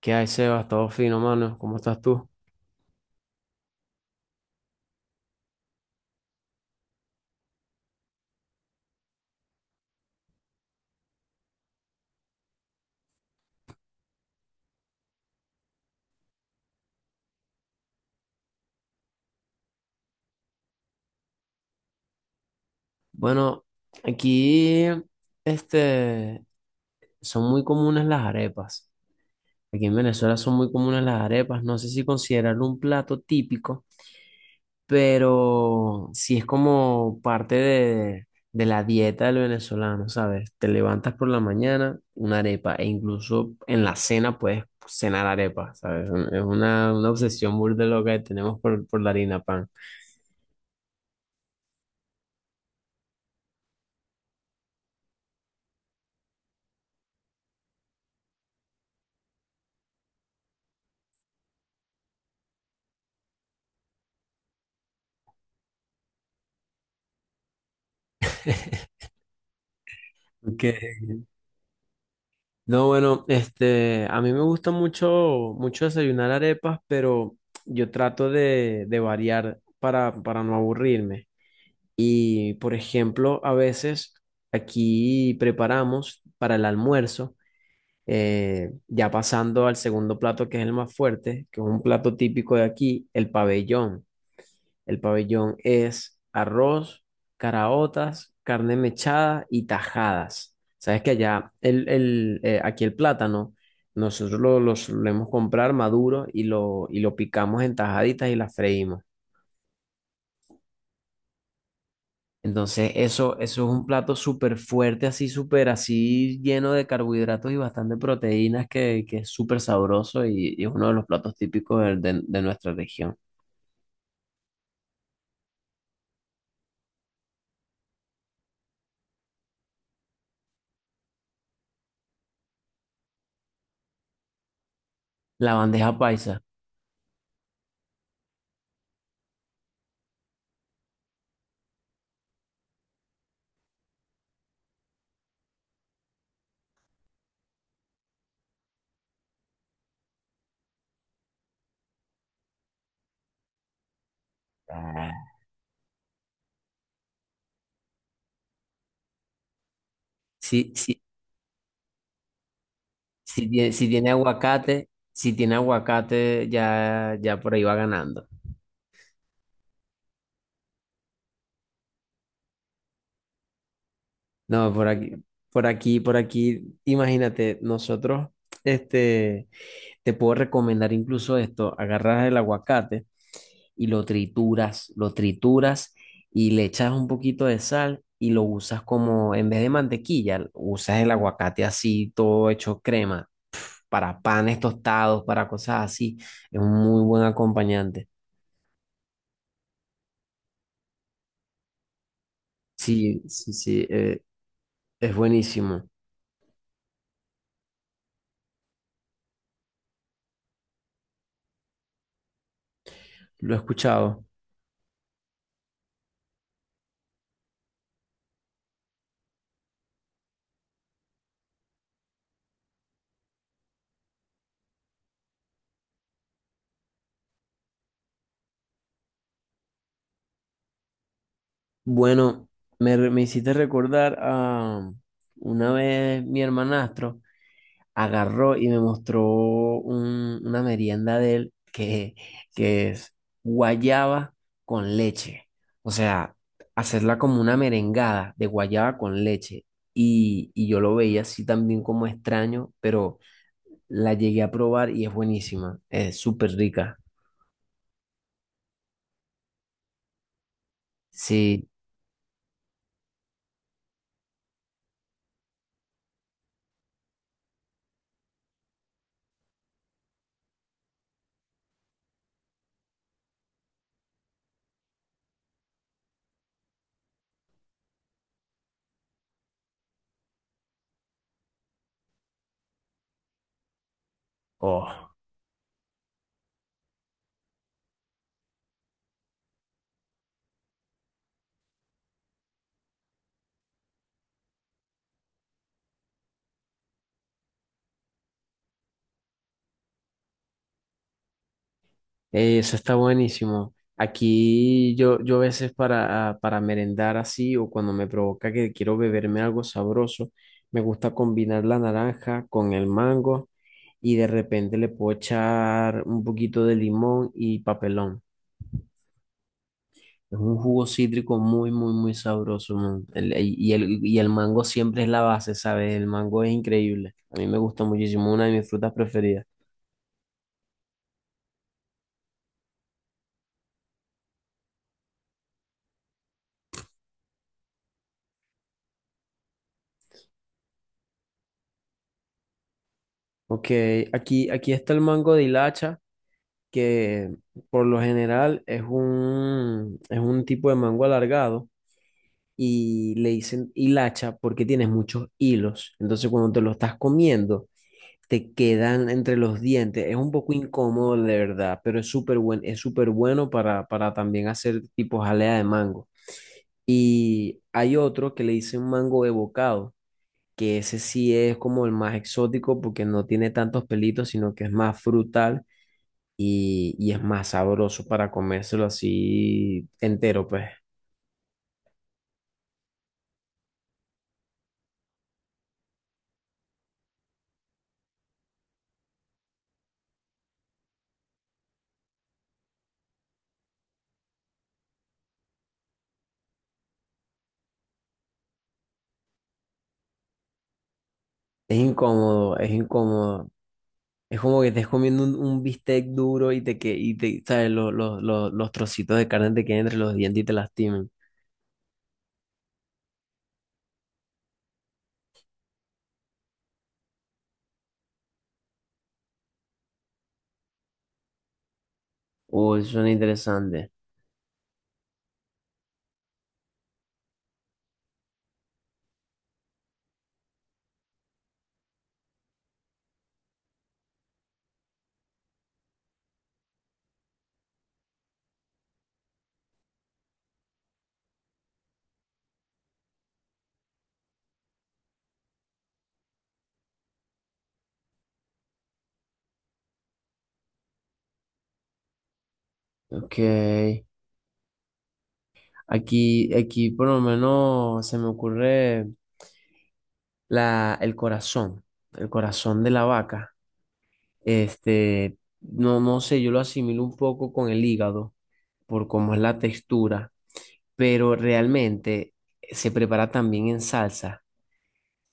¿Qué hay, Sebas? Todo fino, mano. ¿Cómo estás tú? Bueno, aquí, este, son muy comunes las arepas. Aquí en Venezuela son muy comunes las arepas. No sé si considerarlo un plato típico, pero sí es como parte de la dieta del venezolano, ¿sabes? Te levantas por la mañana, una arepa, e incluso en la cena puedes cenar arepa, ¿sabes? Es una obsesión burda loca que tenemos por la harina pan. Ok. No, bueno, este, a mí me gusta mucho, mucho desayunar arepas, pero yo trato de variar para no aburrirme. Y, por ejemplo, a veces aquí preparamos para el almuerzo, ya pasando al segundo plato que es el más fuerte, que es un plato típico de aquí, el pabellón. El pabellón es arroz, caraotas, carne mechada y tajadas. Sabes que allá, aquí el plátano, nosotros lo solemos comprar maduro y lo picamos en tajaditas y las freímos. Entonces, eso es un plato súper fuerte, así, súper así, lleno de carbohidratos y bastante proteínas, que es súper sabroso y es uno de los platos típicos de nuestra región. La bandeja paisa. Ah, sí, sí. Si tiene aguacate, si tiene aguacate, ya, ya por ahí va ganando. No, por aquí, imagínate, nosotros, este, te puedo recomendar incluso esto, agarras el aguacate y lo trituras y le echas un poquito de sal y lo usas como, en vez de mantequilla, usas el aguacate así, todo hecho crema, para panes tostados, para cosas así, es un muy buen acompañante. Sí, sí, sí, es buenísimo. Lo he escuchado. Bueno, me hiciste recordar a una vez mi hermanastro agarró y me mostró una merienda de él que es guayaba con leche. O sea, hacerla como una merengada de guayaba con leche. Y yo lo veía así también como extraño, pero la llegué a probar y es buenísima. Es súper rica. Sí. Oh. Eso está buenísimo. Aquí yo, yo a veces para merendar así o cuando me provoca que quiero beberme algo sabroso, me gusta combinar la naranja con el mango y de repente le puedo echar un poquito de limón y papelón. Es un jugo cítrico muy, muy, muy sabroso, man. El mango siempre es la base, ¿sabes? El mango es increíble. A mí me gusta muchísimo, una de mis frutas preferidas. Ok, aquí está el mango de hilacha, que por lo general es es un tipo de mango alargado y le dicen hilacha porque tiene muchos hilos. Entonces cuando te lo estás comiendo, te quedan entre los dientes. Es un poco incómodo de verdad, pero es es súper bueno para también hacer tipo jalea de mango. Y hay otro que le dicen mango evocado, que ese sí es como el más exótico porque no tiene tantos pelitos, sino que es más frutal y es más sabroso para comérselo así entero, pues. Es incómodo, es incómodo. Es como que estés comiendo un bistec duro y te que y te, ¿sabes? Los trocitos de carne te queden entre los dientes y te lastimen. Uy, suena interesante. Ok. Aquí por lo menos se me ocurre la, el corazón, el corazón de la vaca. Este, no, no sé, yo lo asimilo un poco con el hígado, por cómo es la textura, pero realmente se prepara también en salsa.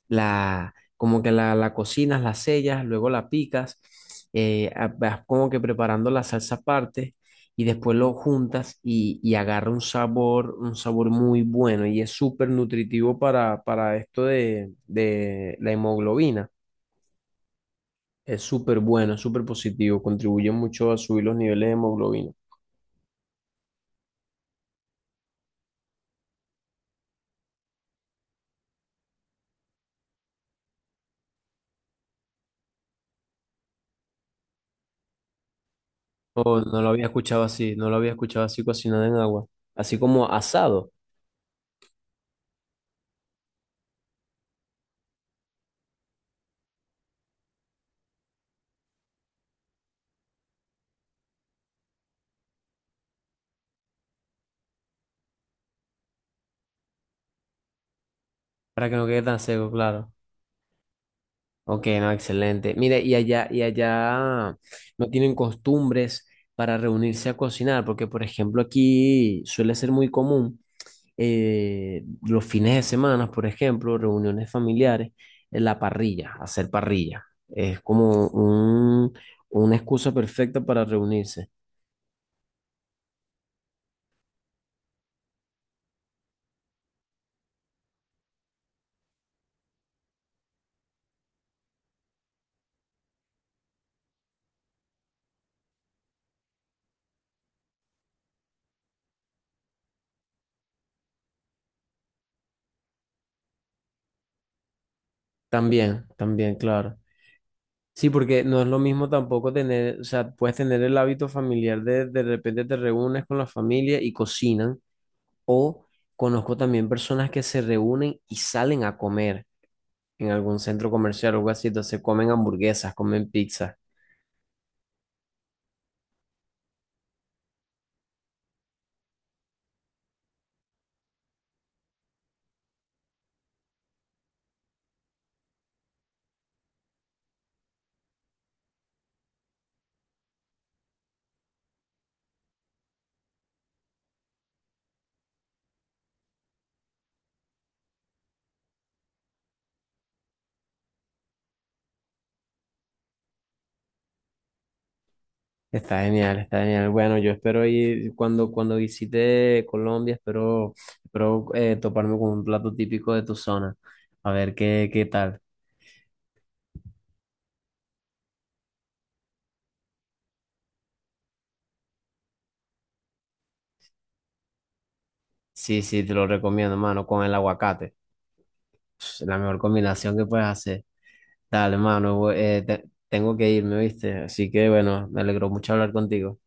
Como que la cocinas, la sellas, luego la picas, vas como que preparando la salsa aparte y después lo juntas y agarra un sabor muy bueno y es súper nutritivo para esto de la hemoglobina. Es súper bueno, es súper positivo, contribuye mucho a subir los niveles de hemoglobina. Oh, no lo había escuchado así, no lo había escuchado así cocinado en agua, así como asado. Para que no quede tan seco, claro. Ok, no, excelente. Mire, y allá no tienen costumbres para reunirse a cocinar, porque por ejemplo aquí suele ser muy común, los fines de semana, por ejemplo, reuniones familiares, en la parrilla, hacer parrilla. Es como un, una excusa perfecta para reunirse. También, también, claro. Sí, porque no es lo mismo tampoco tener, o sea, puedes tener el hábito familiar de repente te reúnes con la familia y cocinan, o conozco también personas que se reúnen y salen a comer en algún centro comercial o algo así, entonces comen hamburguesas, comen pizza. Está genial, está genial. Bueno, yo espero ir cuando visite Colombia, espero toparme con un plato típico de tu zona, a ver qué tal. Sí, sí, te lo recomiendo, mano, con el aguacate. Pss, la mejor combinación que puedes hacer. Dale, mano, tengo que irme, ¿viste? Así que bueno, me alegró mucho hablar contigo.